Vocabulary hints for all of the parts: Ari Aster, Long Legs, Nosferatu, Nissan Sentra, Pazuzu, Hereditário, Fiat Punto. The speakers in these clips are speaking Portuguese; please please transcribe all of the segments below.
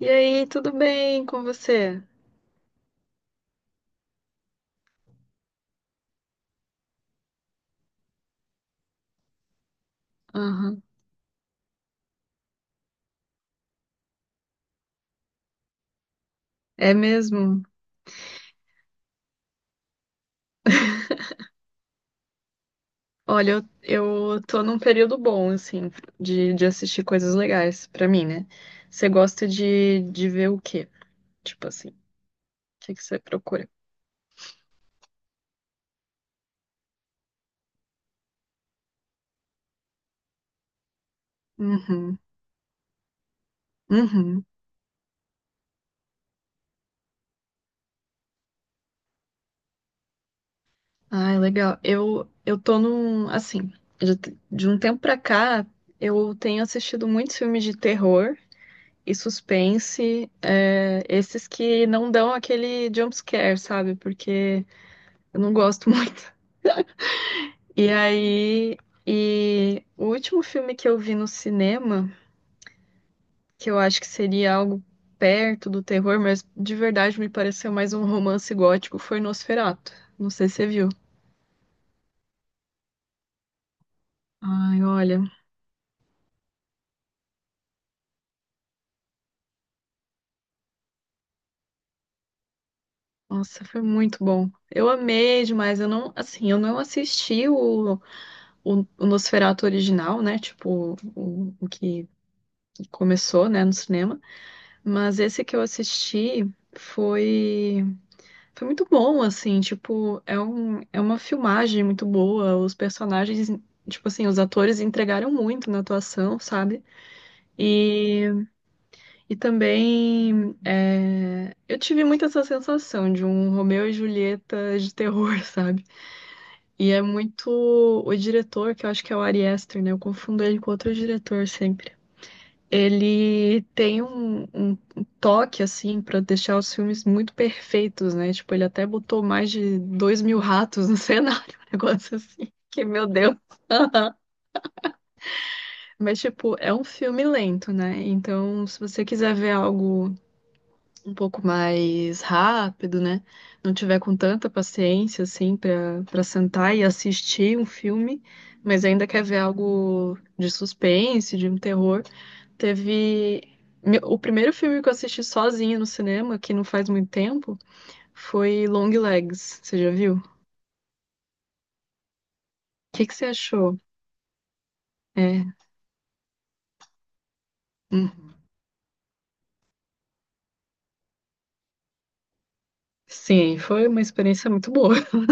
E aí, tudo bem com você? Aham. É mesmo? Olha, eu tô num período bom, assim, de assistir coisas legais pra mim, né? Você gosta de ver o quê? Tipo assim, o que você procura? Uhum, uhum. Ai, legal. Eu tô num, assim, de, de um tempo pra cá, eu tenho assistido muitos filmes de terror e suspense, esses que não dão aquele jump scare, sabe? Porque eu não gosto muito. E aí, e o último filme que eu vi no cinema, que eu acho que seria algo perto do terror, mas de verdade me pareceu mais um romance gótico, foi Nosferatu. Não sei se você viu. Ai, olha, nossa, foi muito bom. Eu amei demais. Eu não, assim, eu não assisti o Nosferatu original, né? Tipo, o que começou, né, no cinema. Mas esse que eu assisti foi. Foi muito bom, assim, tipo, é um, é uma filmagem muito boa. Os personagens, tipo assim, os atores entregaram muito na atuação, sabe? E, e também eu tive muito essa sensação de um Romeu e Julieta de terror, sabe? E é muito o diretor, que eu acho que é o Ari Aster, né? Eu confundo ele com outro diretor sempre. Ele tem um, um toque, assim, pra deixar os filmes muito perfeitos, né? Tipo, ele até botou mais de 2.000 ratos no cenário, um negócio assim. Que, meu Deus. Mas, tipo, é um filme lento, né? Então, se você quiser ver algo um pouco mais rápido, né? Não tiver com tanta paciência, assim, pra sentar e assistir um filme, mas ainda quer ver algo de suspense, de um terror. Teve. O primeiro filme que eu assisti sozinha no cinema, que não faz muito tempo, foi Long Legs. Você já viu? O que que você achou? É. hum, Sim, foi uma experiência muito boa.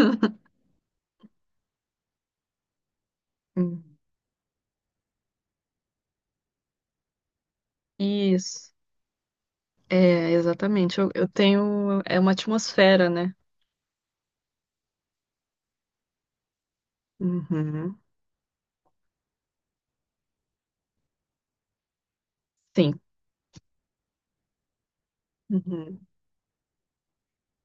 Hum. Isso. É, exatamente. Eu tenho. É uma atmosfera, né? Uhum. Sim. Uhum.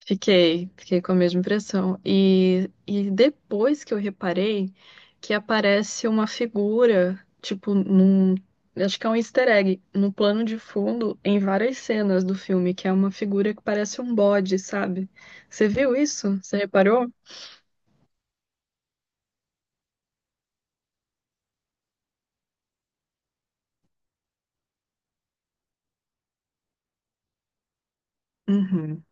Fiquei, fiquei com a mesma impressão. E depois que eu reparei que aparece uma figura, tipo, num. Acho que é um easter egg, no plano de fundo, em várias cenas do filme, que é uma figura que parece um bode, sabe? Você viu isso? Você reparou? Uhum.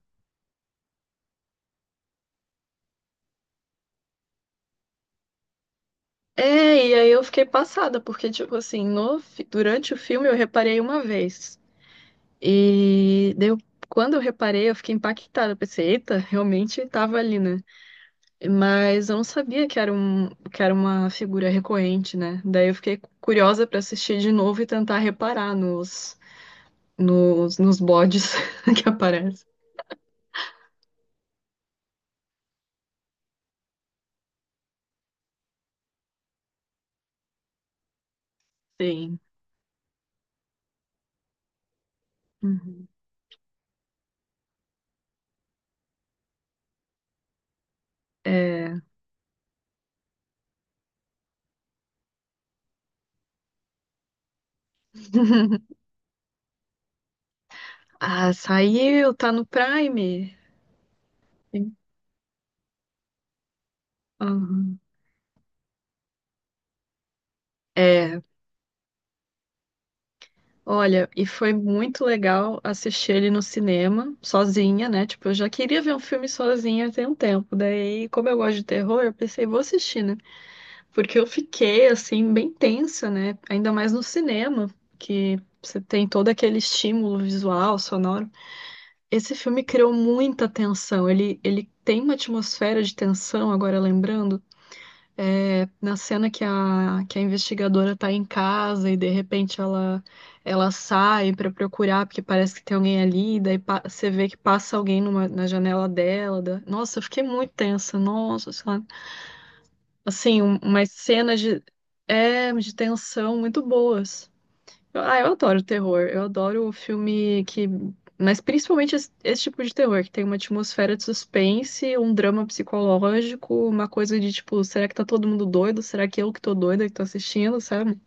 É, e aí eu fiquei passada, porque, tipo assim, no, fi- durante o filme eu reparei uma vez. E deu, quando eu reparei, eu fiquei impactada. Eu pensei, eita, realmente tava ali, né? Mas eu não sabia que era um, que era uma figura recorrente, né? Daí eu fiquei curiosa para assistir de novo e tentar reparar nos bodes que aparecem. Sim. Uhum. É. Ah, saiu, tá no Prime. Sim. Aham. É, olha, e foi muito legal assistir ele no cinema, sozinha, né? Tipo, eu já queria ver um filme sozinha tem um tempo. Daí, como eu gosto de terror, eu pensei, vou assistir, né? Porque eu fiquei, assim, bem tensa, né? Ainda mais no cinema, que você tem todo aquele estímulo visual, sonoro. Esse filme criou muita tensão. Ele tem uma atmosfera de tensão, agora lembrando. É, na cena que a investigadora tá em casa e de repente ela sai para procurar, porque parece que tem alguém ali, você vê que passa alguém na janela dela. Nossa, eu fiquei muito tensa, nossa, sei lá assim, umas cenas de, de tensão muito boas. Eu adoro terror. Eu adoro o filme que. Mas principalmente esse, esse tipo de terror, que tem uma atmosfera de suspense, um drama psicológico, uma coisa de tipo, será que tá todo mundo doido? Será que eu que tô doida que tô assistindo, sabe?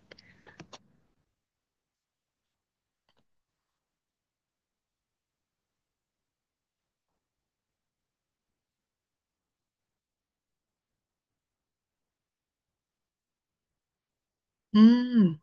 Hum.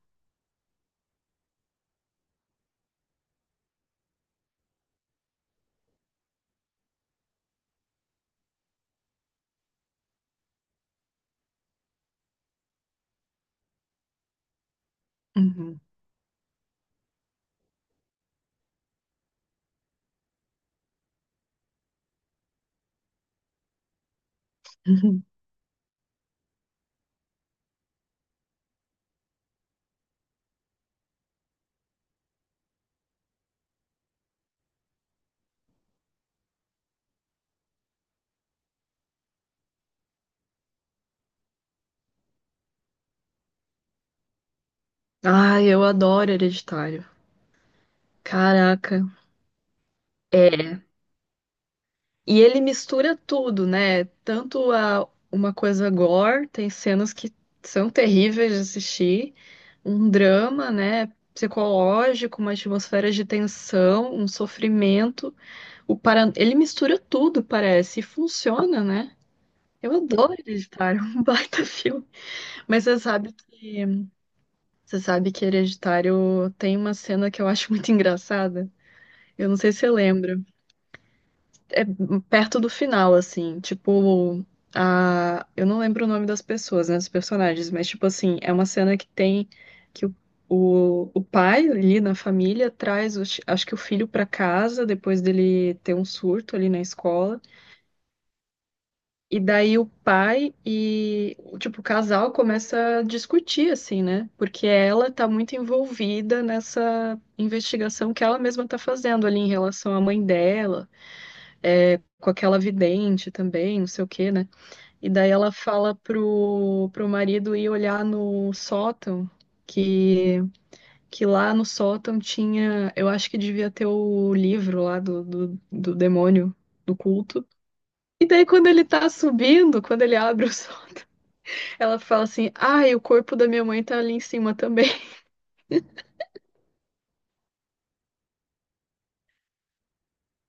Uhum. Uhum. Ai, eu adoro Hereditário. Caraca. É. E ele mistura tudo, né? Tanto a, uma coisa gore, tem cenas que são terríveis de assistir, um drama, né? Psicológico, uma atmosfera de tensão, um sofrimento. Ele mistura tudo, parece, e funciona, né? Eu adoro Hereditário, um baita filme. Mas você sabe que Hereditário tem uma cena que eu acho muito engraçada. Eu não sei se você lembra. é Perto do final, assim, tipo, eu não lembro o nome das pessoas, né, dos personagens, mas, tipo assim, é uma cena que tem que o pai ali na família traz, acho que o filho pra casa, depois dele ter um surto ali na escola, e daí o pai e, tipo, o casal começa a discutir, assim, né, porque ela tá muito envolvida nessa investigação que ela mesma tá fazendo ali em relação à mãe dela, com aquela vidente também, não sei o quê, né? E daí ela fala pro marido ir olhar no sótão, que, que lá no sótão tinha, eu acho que devia ter o livro lá do demônio, do culto. E daí quando ele tá subindo, quando ele abre o sótão, ela fala assim, ai, o corpo da minha mãe tá ali em cima também.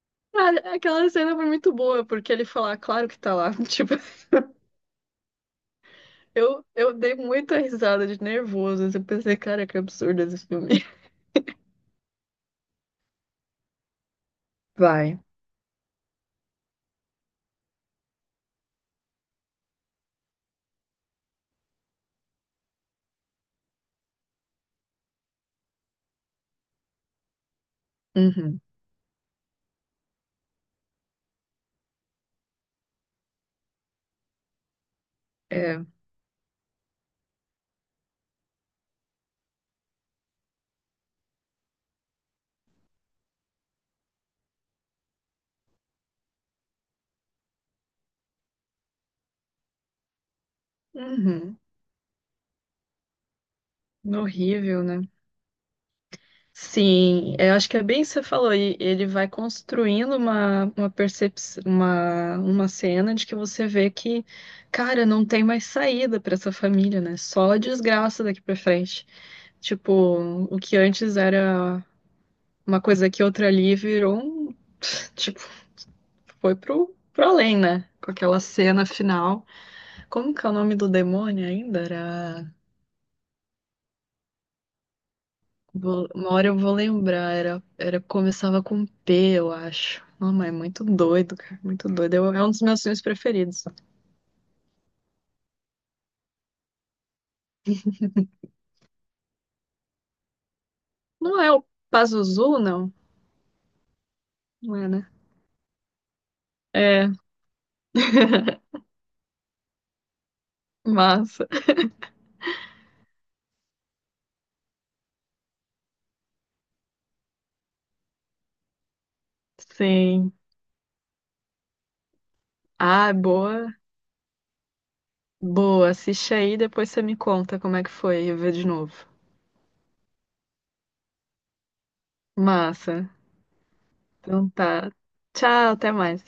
Cara, aquela cena foi muito boa, porque ele fala, "Ah, claro que tá lá. Tipo, eu dei muita risada de nervoso. Eu pensei, cara, que absurdo esse filme. Vai. Uhum. É. Uhum. Horrível, né? Sim, é, eu acho que é bem isso que você falou. E ele vai construindo uma percepção, uma cena de que você vê que, cara, não tem mais saída para essa família, né? Só desgraça daqui para frente. Tipo, o que antes era uma coisa aqui, outra ali, virou um. Tipo, foi pro além, né? Com aquela cena final. Como que é o nome do demônio ainda? Era. Uma hora eu vou lembrar, era começava com P, eu acho. Não, mas é muito doido, cara, muito doido. É um dos meus filmes preferidos. Não é o Pazuzu, não? Não é, né? É, massa. Sim. Ah, boa. Boa, assiste aí, depois você me conta como é que foi, eu ver de novo. Massa. Então tá. Tchau, até mais.